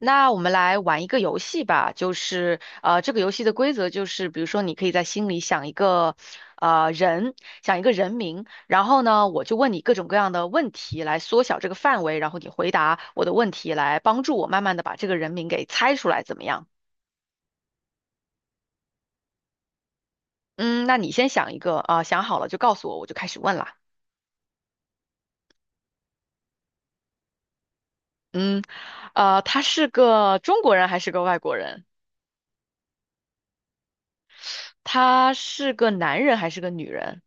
那我们来玩一个游戏吧，就是这个游戏的规则就是，比如说你可以在心里想一个呃人，想一个人名。然后呢，我就问你各种各样的问题来缩小这个范围，然后你回答我的问题，来帮助我慢慢的把这个人名给猜出来，怎么样？嗯，那你先想一个啊，想好了就告诉我，我就开始问啦。嗯，他是个中国人还是个外国人？他是个男人还是个女人？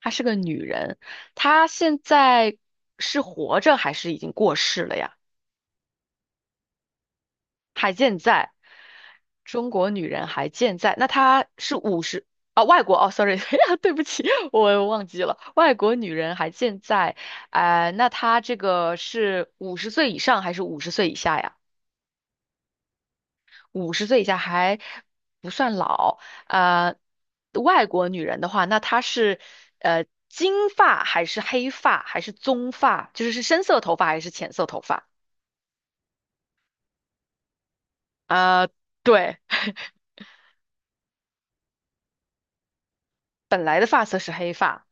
她是个女人，她现在是活着还是已经过世了呀？还健在，中国女人还健在。那她是五十啊，外国哦，sorry，对不起，我忘记了，外国女人还健在。哎、那她这个是五十岁以上还是五十岁以下呀？五十岁以下还不算老。呃，外国女人的话，那她是金发还是黑发还是棕发，就是是深色头发还是浅色头发？啊、对，本来的发色是黑发。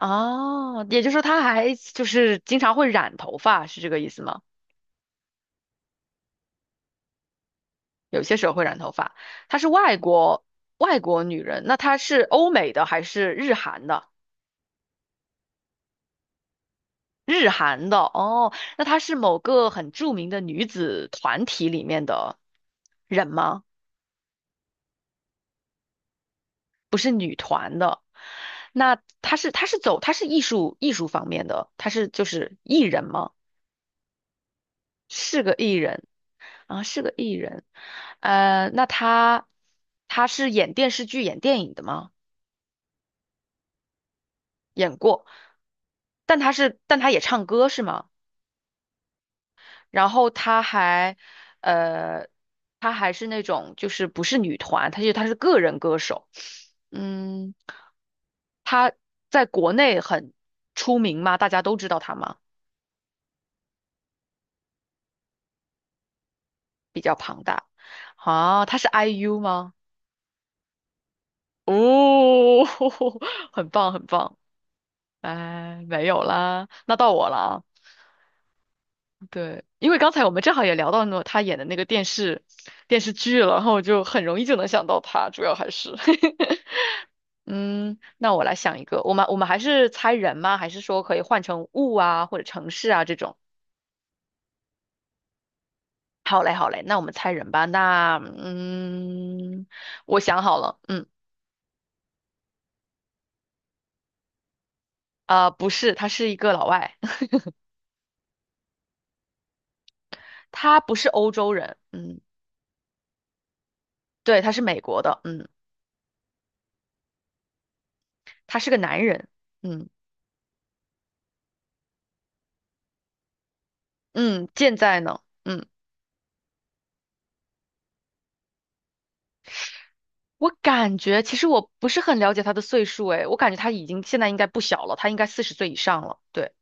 哦，也就是说她还就是经常会染头发，是这个意思吗？有些时候会染头发。她是外国女人，那她是欧美的还是日韩的？日韩的哦，那她是某个很著名的女子团体里面的人吗？那她是她是走她是艺术方面的，她是就是艺人吗？是个艺人啊，是个艺人。呃，那她是演电视剧、演电影的吗？演过，但她也唱歌是吗？然后她还，呃，她还是那种就是不是女团，她是个人歌手。嗯，她在国内很出名吗？大家都知道她吗？比较庞大。啊，她是 IU 吗？哦，很棒很棒。哎，没有啦，那到我了啊。对，因为刚才我们正好也聊到那她演的那个电视剧了，然后我就很容易就能想到她，主要还是。嗯，那我来想一个，我们还是猜人吗？还是说可以换成物啊，或者城市啊这种？好嘞，好嘞，那我们猜人吧。那嗯，我想好了，嗯，啊、不是，他是一个老外。他不是欧洲人。嗯，对，他是美国的。嗯，他是个男人。嗯嗯，健在呢。嗯，我感觉其实我不是很了解他的岁数，诶，我感觉他已经现在应该不小了，他应该四十岁以上了，对。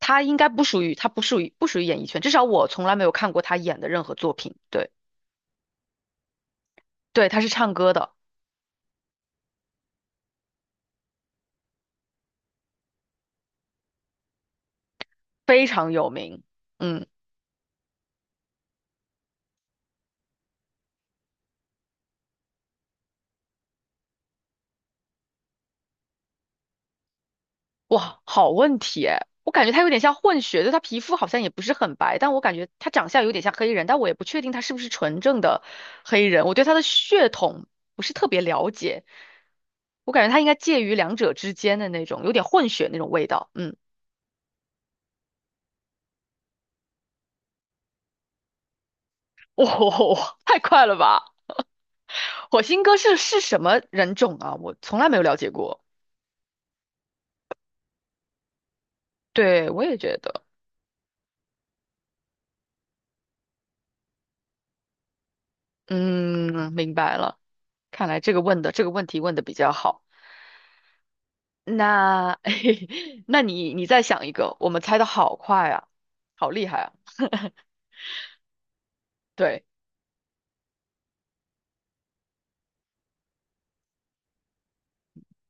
他应该不属于，他不属于演艺圈，至少我从来没有看过他演的任何作品。对，对，他是唱歌的，非常有名。嗯，哇，好问题诶，我感觉他有点像混血，就他皮肤好像也不是很白，但我感觉他长相有点像黑人，但我也不确定他是不是纯正的黑人，我对他的血统不是特别了解，我感觉他应该介于两者之间的那种，有点混血那种味道。嗯，哇、太快了吧！火星哥是什么人种啊？我从来没有了解过。对，我也觉得。嗯，明白了。看来这个这个问题问的比较好。那，那你再想一个，我们猜的好快啊，好厉害啊！对，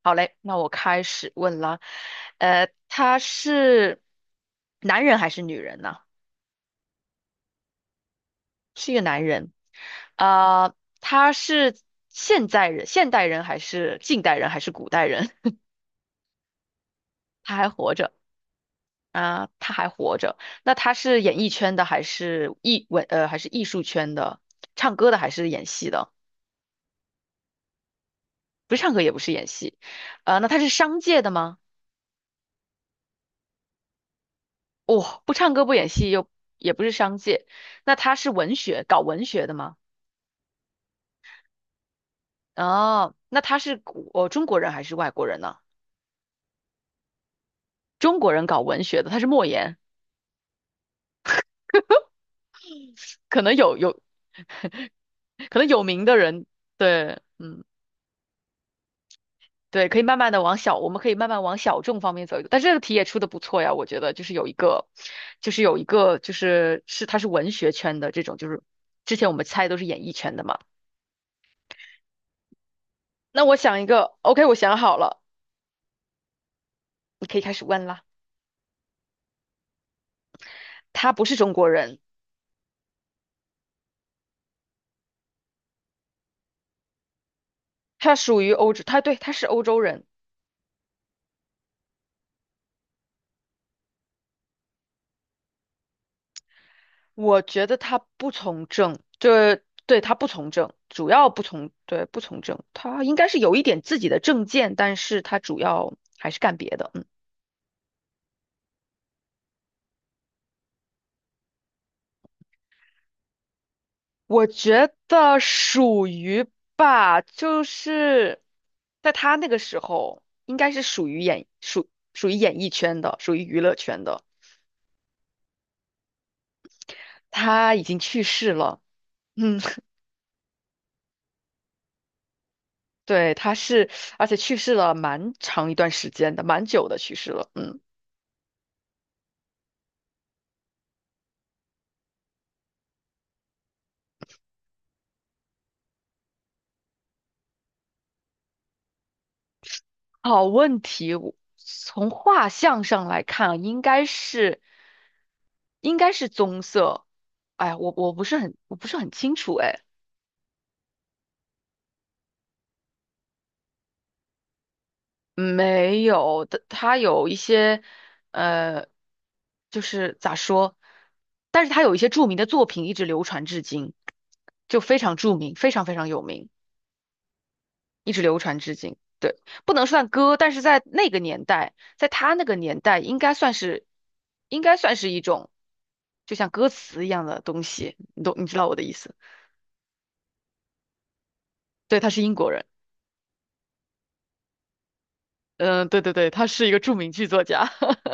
好嘞，那我开始问了。呃，他是男人还是女人呢？是一个男人。啊、他是现代人还是近代人还是古代人？他还活着。啊，他还活着。那他是演艺圈的，还是还是艺术圈的？唱歌的还是演戏的？不是唱歌，也不是演戏。呃，那他是商界的吗？哦，不唱歌不演戏又也不是商界。那他是文学，搞文学的吗？哦，那他是中国人还是外国人呢？中国人搞文学的，他是莫言，可能有可能有名的人，对，嗯。对，可以慢慢的往小，我们可以慢慢往小众方面走一走。但这个题也出的不错呀，我觉得就是有一个，就是他是文学圈的这种，就是之前我们猜都是演艺圈的嘛。那我想一个，OK，我想好了，你可以开始问啦。他不是中国人。他属于欧洲，对他是欧洲人。我觉得他不从政，对他不从政，主要不从，对，不从政。他应该是有一点自己的政见，但是他主要还是干别的。嗯。我觉得属于吧，就是在他那个时候，应该是属于演艺圈的，属于娱乐圈的。他已经去世了。嗯，对，他是，而且去世了蛮长一段时间的，蛮久的去世了。嗯。好问题，我从画像上来看啊，应该是棕色。哎呀我不是很我不是很清楚，哎。没有的，他有一些，呃，就是咋说，但是他有一些著名的作品一直流传至今，就非常著名，非常非常有名，一直流传至今。对，不能算歌，但是在他那个年代，应该算是一种，就像歌词一样的东西。你懂，你知道我的意思？对，他是英国人。嗯，对对对，他是一个著名剧作家。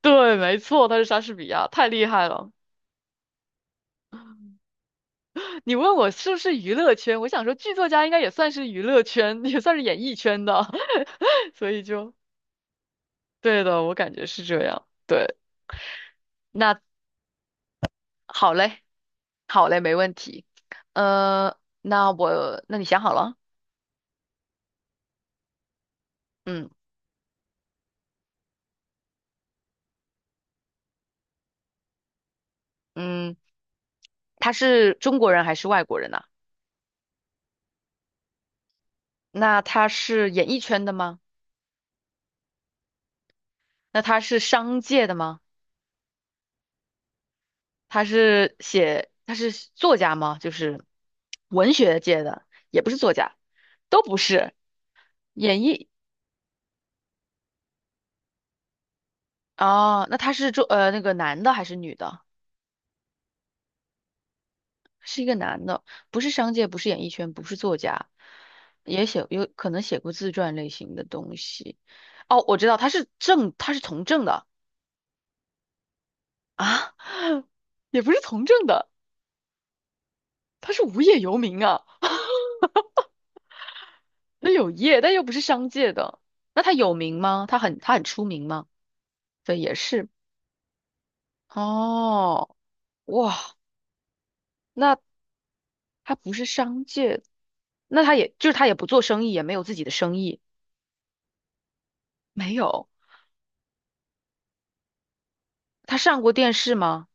对，没错，他是莎士比亚，太厉害了。你问我是不是娱乐圈，我想说剧作家应该也算是娱乐圈，也算是演艺圈的，所以就对的，我感觉是这样。对，那好嘞，好嘞，没问题。呃，那我，那你想好了？嗯嗯，他是中国人还是外国人呢？那他是演艺圈的吗？那他是商界的吗？他是作家吗？就是文学界的，也不是作家，都不是。演艺。哦，那他是做呃那个男的还是女的？是一个男的，不是商界，不是演艺圈，不是作家，也写有可能写过自传类型的东西。哦，我知道他是从政的啊，也不是从政的，他是无业游民啊。那有业，但又不是商界的。那他有名吗？他很出名吗？对，也是。哦，哇，那他不是商界，那他也就是他也不做生意，也没有自己的生意，没有。他上过电视吗？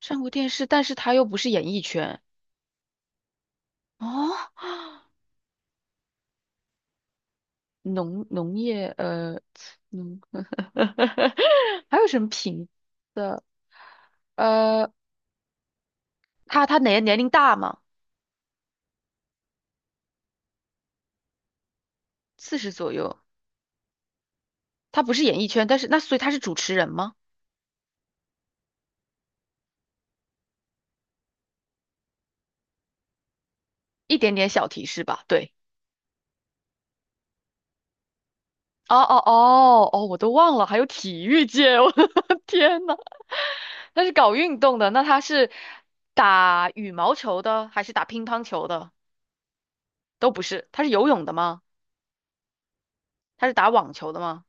上过电视，但是他又不是演艺圈哦，农业农，还有什么品的？呃，他年龄大吗？四十左右，他不是演艺圈，但是那所以他是主持人吗？一点点小提示吧，对。哦哦哦哦，我都忘了，还有体育界，我的 天呐，他是搞运动的，那他是打羽毛球的还是打乒乓球的？都不是，他是游泳的吗？他是打网球的吗？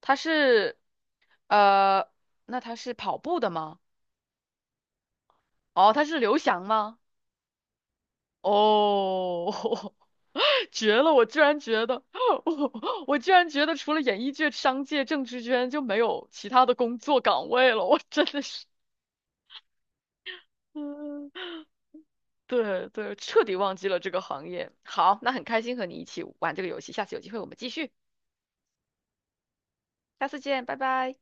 他是，呃，那他是跑步的吗？哦，他是刘翔吗？哦，绝了！我居然觉得，我我居然觉得除了演艺界、商界、政治圈就没有其他的工作岗位了，我真的是，嗯，对对，彻底忘记了这个行业。好，那很开心和你一起玩这个游戏，下次有机会我们继续，下次见，拜拜。